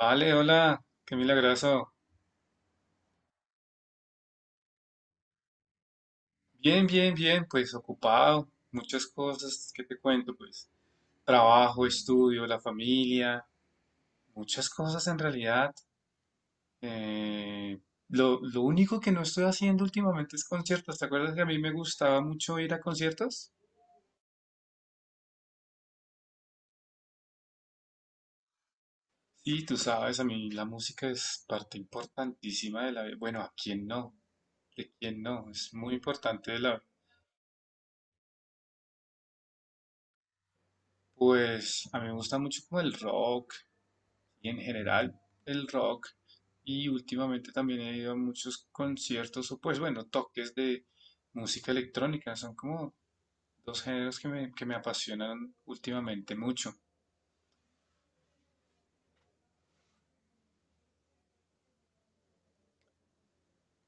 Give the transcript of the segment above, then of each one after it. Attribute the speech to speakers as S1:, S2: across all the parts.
S1: Vale, hola, qué milagroso. Bien, bien, bien, pues ocupado, muchas cosas, ¿qué te cuento? Pues trabajo, estudio, la familia, muchas cosas en realidad. Eh, lo único que no estoy haciendo últimamente es conciertos. ¿Te acuerdas que a mí me gustaba mucho ir a conciertos? Sí, tú sabes, a mí la música es parte importantísima de la vida. Bueno, ¿a quién no? ¿De quién no? Es muy importante de la. Pues a mí me gusta mucho como el rock, y en general el rock. Y últimamente también he ido a muchos conciertos o pues bueno, toques de música electrónica. Son como dos géneros que me apasionan últimamente mucho.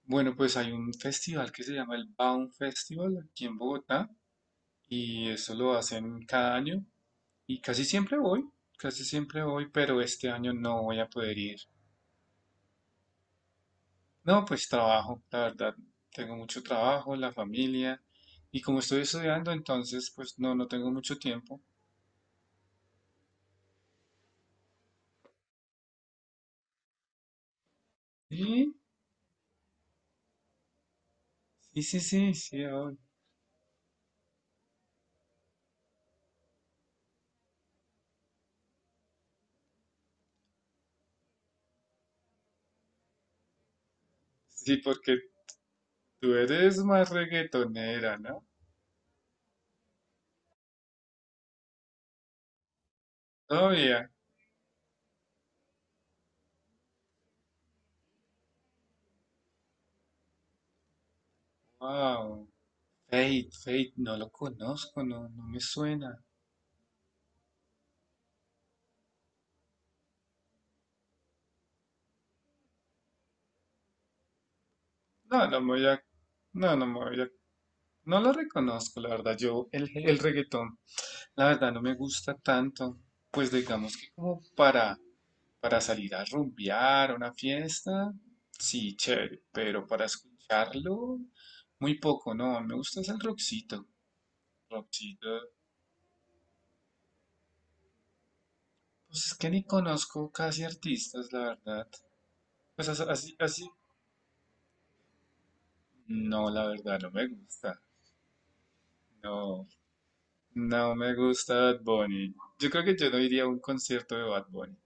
S1: Bueno, pues hay un festival que se llama el Baum Festival aquí en Bogotá y eso lo hacen cada año y casi siempre voy, pero este año no voy a poder ir. No, pues trabajo, la verdad, tengo mucho trabajo, la familia, y como estoy estudiando, entonces, pues no, no tengo mucho tiempo. Sí, sí, sí, sí, sí, oh, sí, porque tú eres más reggaetonera, ¿no? Todavía, wow, Fate, Fate, no lo conozco, no, no me suena. No, no me voy a, no, no me voy a, No lo reconozco, la verdad, el reggaetón, la verdad, no me gusta tanto, pues digamos que como para. Para salir a rumbear a una fiesta, sí, chévere, pero para escucharlo, muy poco, no, me gusta es el rockcito, rockcito, pues es que ni conozco casi artistas, la verdad, pues así, así, no, la verdad, no me gusta, no, no me gusta Bad Bunny, yo creo que yo no iría a un concierto de Bad Bunny,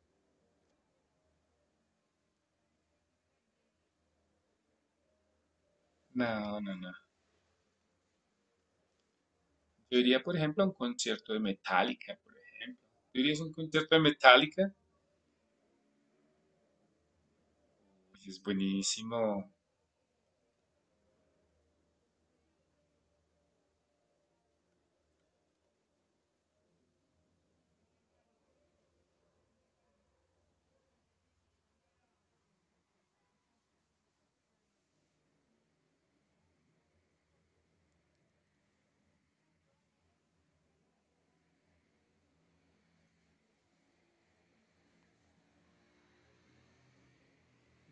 S1: no, no, no, yo iría, por ejemplo, a un concierto de Metallica, por ejemplo, yo iría a un concierto de Metallica, pues es buenísimo.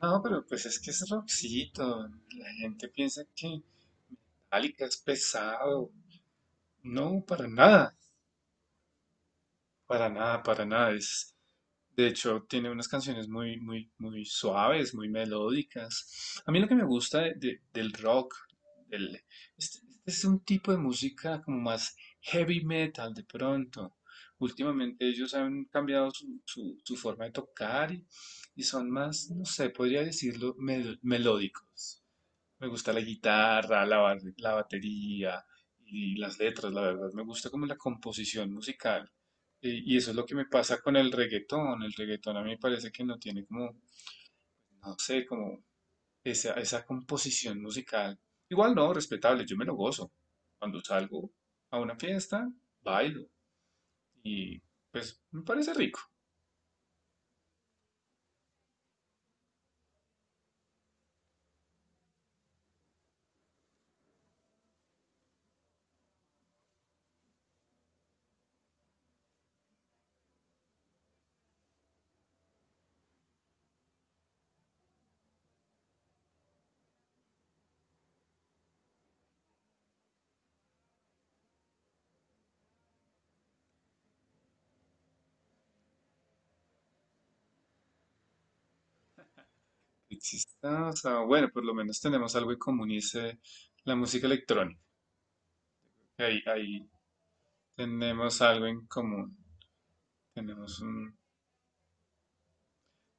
S1: No, pero pues es que es rockcito. La gente piensa que Metallica es pesado. No, para nada. Para nada, para nada. Es, de hecho, tiene unas canciones muy, muy, muy suaves, muy melódicas. A mí lo que me gusta del rock, del, este, este es un tipo de música como más heavy metal de pronto. Últimamente ellos han cambiado su forma de tocar y son más, no sé, podría decirlo, melódicos. Me gusta la guitarra, la batería y las letras, la verdad. Me gusta como la composición musical. Y eso es lo que me pasa con el reggaetón. El reggaetón a mí me parece que no tiene como, no sé, como esa composición musical. Igual no, respetable, yo me lo gozo. Cuando salgo a una fiesta, bailo. Y pues me parece rico. Exista, o sea, bueno, por lo menos tenemos algo en común y es la música electrónica. Ahí tenemos algo en común. Tenemos un...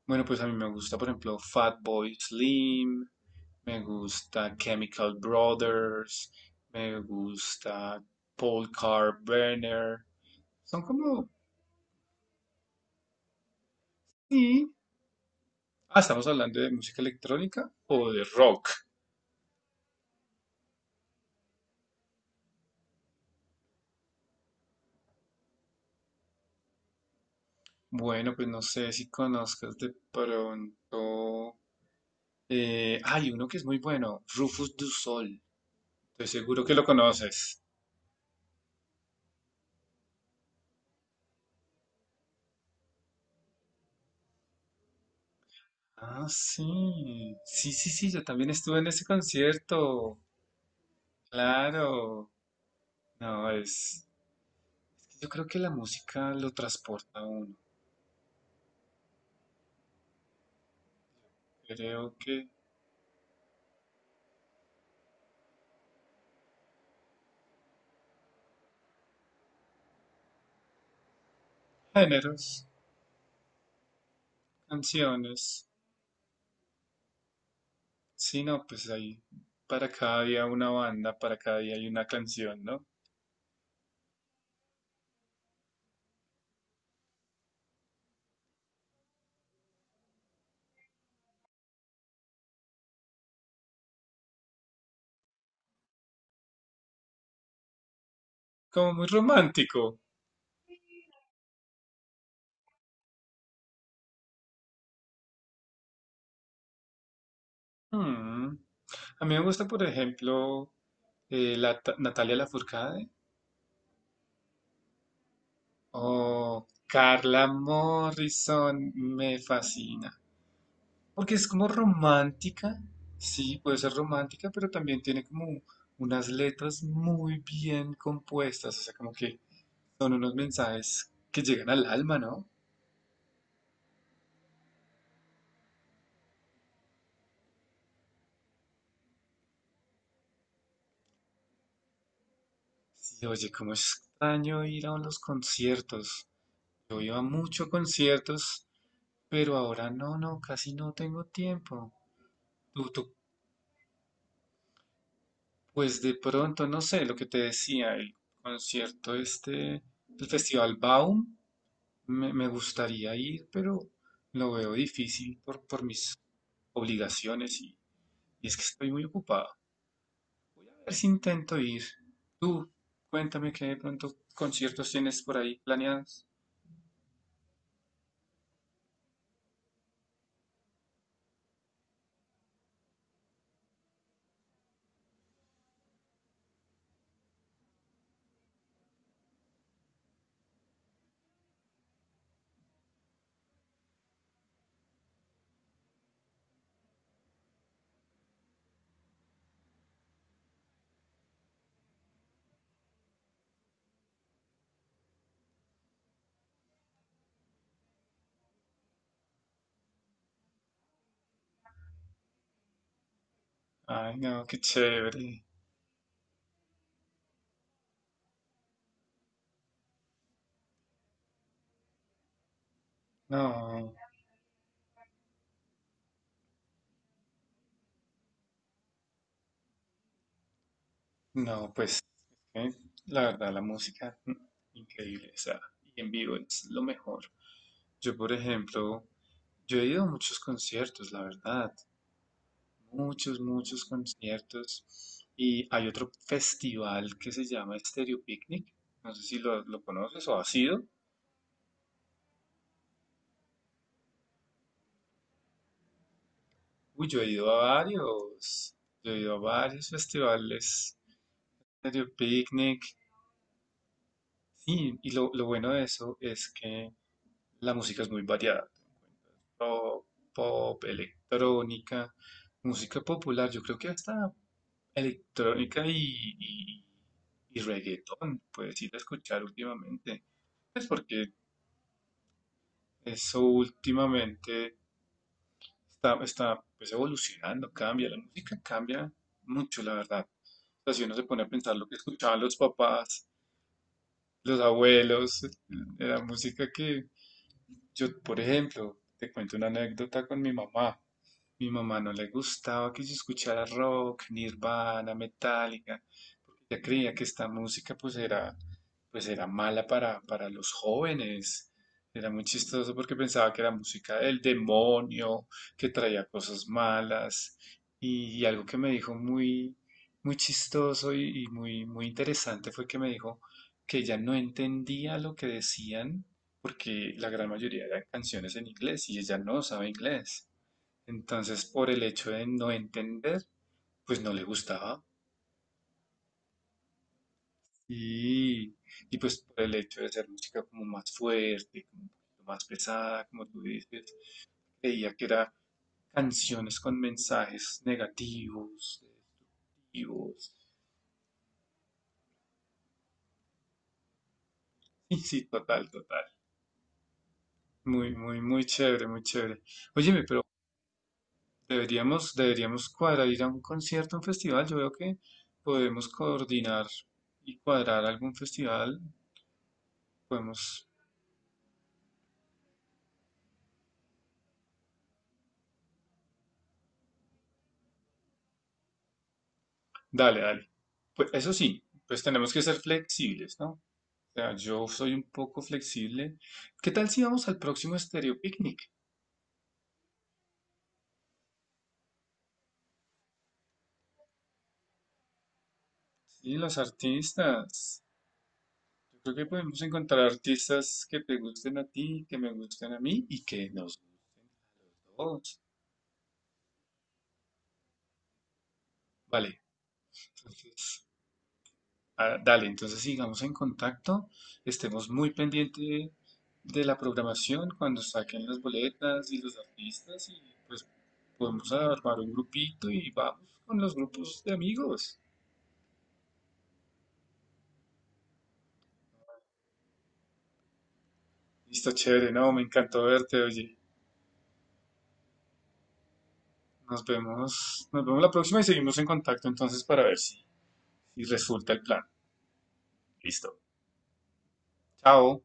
S1: Bueno, pues a mí me gusta, por ejemplo, Fatboy Slim, me gusta Chemical Brothers, me gusta Paul Carver. Son como... Y... Ah, ¿estamos hablando de música electrónica o de rock? Bueno, pues no sé si conozcas de pronto... hay uno que es muy bueno, Rufus Du Sol. Estoy seguro que lo conoces. Ah, sí. Sí, sí, sí, yo también estuve en ese concierto. Claro. No, es, yo creo que la música lo transporta a uno. Creo que géneros, canciones, sí, no, pues ahí para cada día una banda, para cada día hay una canción, ¿no? Como muy romántico. Mm. A mí me gusta, por ejemplo, Natalia Lafourcade o Carla Morrison, me fascina. Porque es como romántica, sí, puede ser romántica, pero también tiene como unas letras muy bien compuestas, o sea, como que son unos mensajes que llegan al alma, ¿no? Sí, oye, cómo extraño ir a los conciertos. Yo iba mucho a conciertos, pero ahora no, no, casi no tengo tiempo. Tú, tú, pues de pronto, no sé, lo que te decía, el concierto este, el Festival Baum. Me gustaría ir, pero lo veo difícil por mis obligaciones y es que estoy muy ocupado. A ver si intento ir. Tú, cuéntame qué de pronto conciertos tienes por ahí planeados. Ay, no, qué chévere. No, no, pues eh, la verdad, la música, mm, increíble. O sea, y en vivo es lo mejor. Yo, por ejemplo, yo he ido a muchos conciertos, la verdad. Muchos, muchos conciertos y hay otro festival que se llama Stereo Picnic, no sé si lo conoces o has ido. Uy, yo he ido a varios, yo he ido a varios festivales, Stereo Picnic, sí, y lo bueno de eso es que la música es muy variada, rock, pop, electrónica, música popular, yo creo que hasta electrónica y, y reggaetón, puedes ir a escuchar últimamente. Pues porque eso últimamente está pues, evolucionando, cambia, la música cambia mucho, la verdad. O sea, si uno se pone a pensar lo que escuchaban los papás, los abuelos, la música que yo, por ejemplo, te cuento una anécdota con mi mamá. Mi mamá no le gustaba que yo escuchara rock, Nirvana, Metallica. Ella creía que esta música pues era mala para los jóvenes. Era muy chistoso porque pensaba que era música del demonio, que traía cosas malas. Y algo que me dijo muy, muy chistoso y muy, muy interesante fue que me dijo que ella no entendía lo que decían porque la gran mayoría eran canciones en inglés y ella no sabe inglés. Entonces, por el hecho de no entender, pues no le gustaba. Y, y pues por el hecho de hacer música como más fuerte, como un poquito más pesada, como tú dices, creía que era canciones con mensajes negativos, destructivos. Sí, sí, total, total. Muy, muy, muy chévere, muy chévere. Óyeme, pero deberíamos cuadrar ir a un concierto, a un festival. Yo veo que podemos coordinar y cuadrar algún festival. Podemos. Dale, dale. Pues eso sí, pues tenemos que ser flexibles, ¿no? Sea, yo soy un poco flexible. ¿Qué tal si vamos al próximo Stereo Picnic? Y los artistas. Yo creo que podemos encontrar artistas que te gusten a ti, que me gusten a mí y que nos gusten a los dos. Vale, entonces, ah, dale, entonces sigamos en contacto. Estemos muy pendientes de la programación cuando saquen las boletas y los artistas y pues podemos armar un grupito y vamos con los grupos de amigos. Listo, chévere, no, me encantó verte, oye. Nos vemos la próxima y seguimos en contacto entonces para ver si, si resulta el plan. Listo. Chao.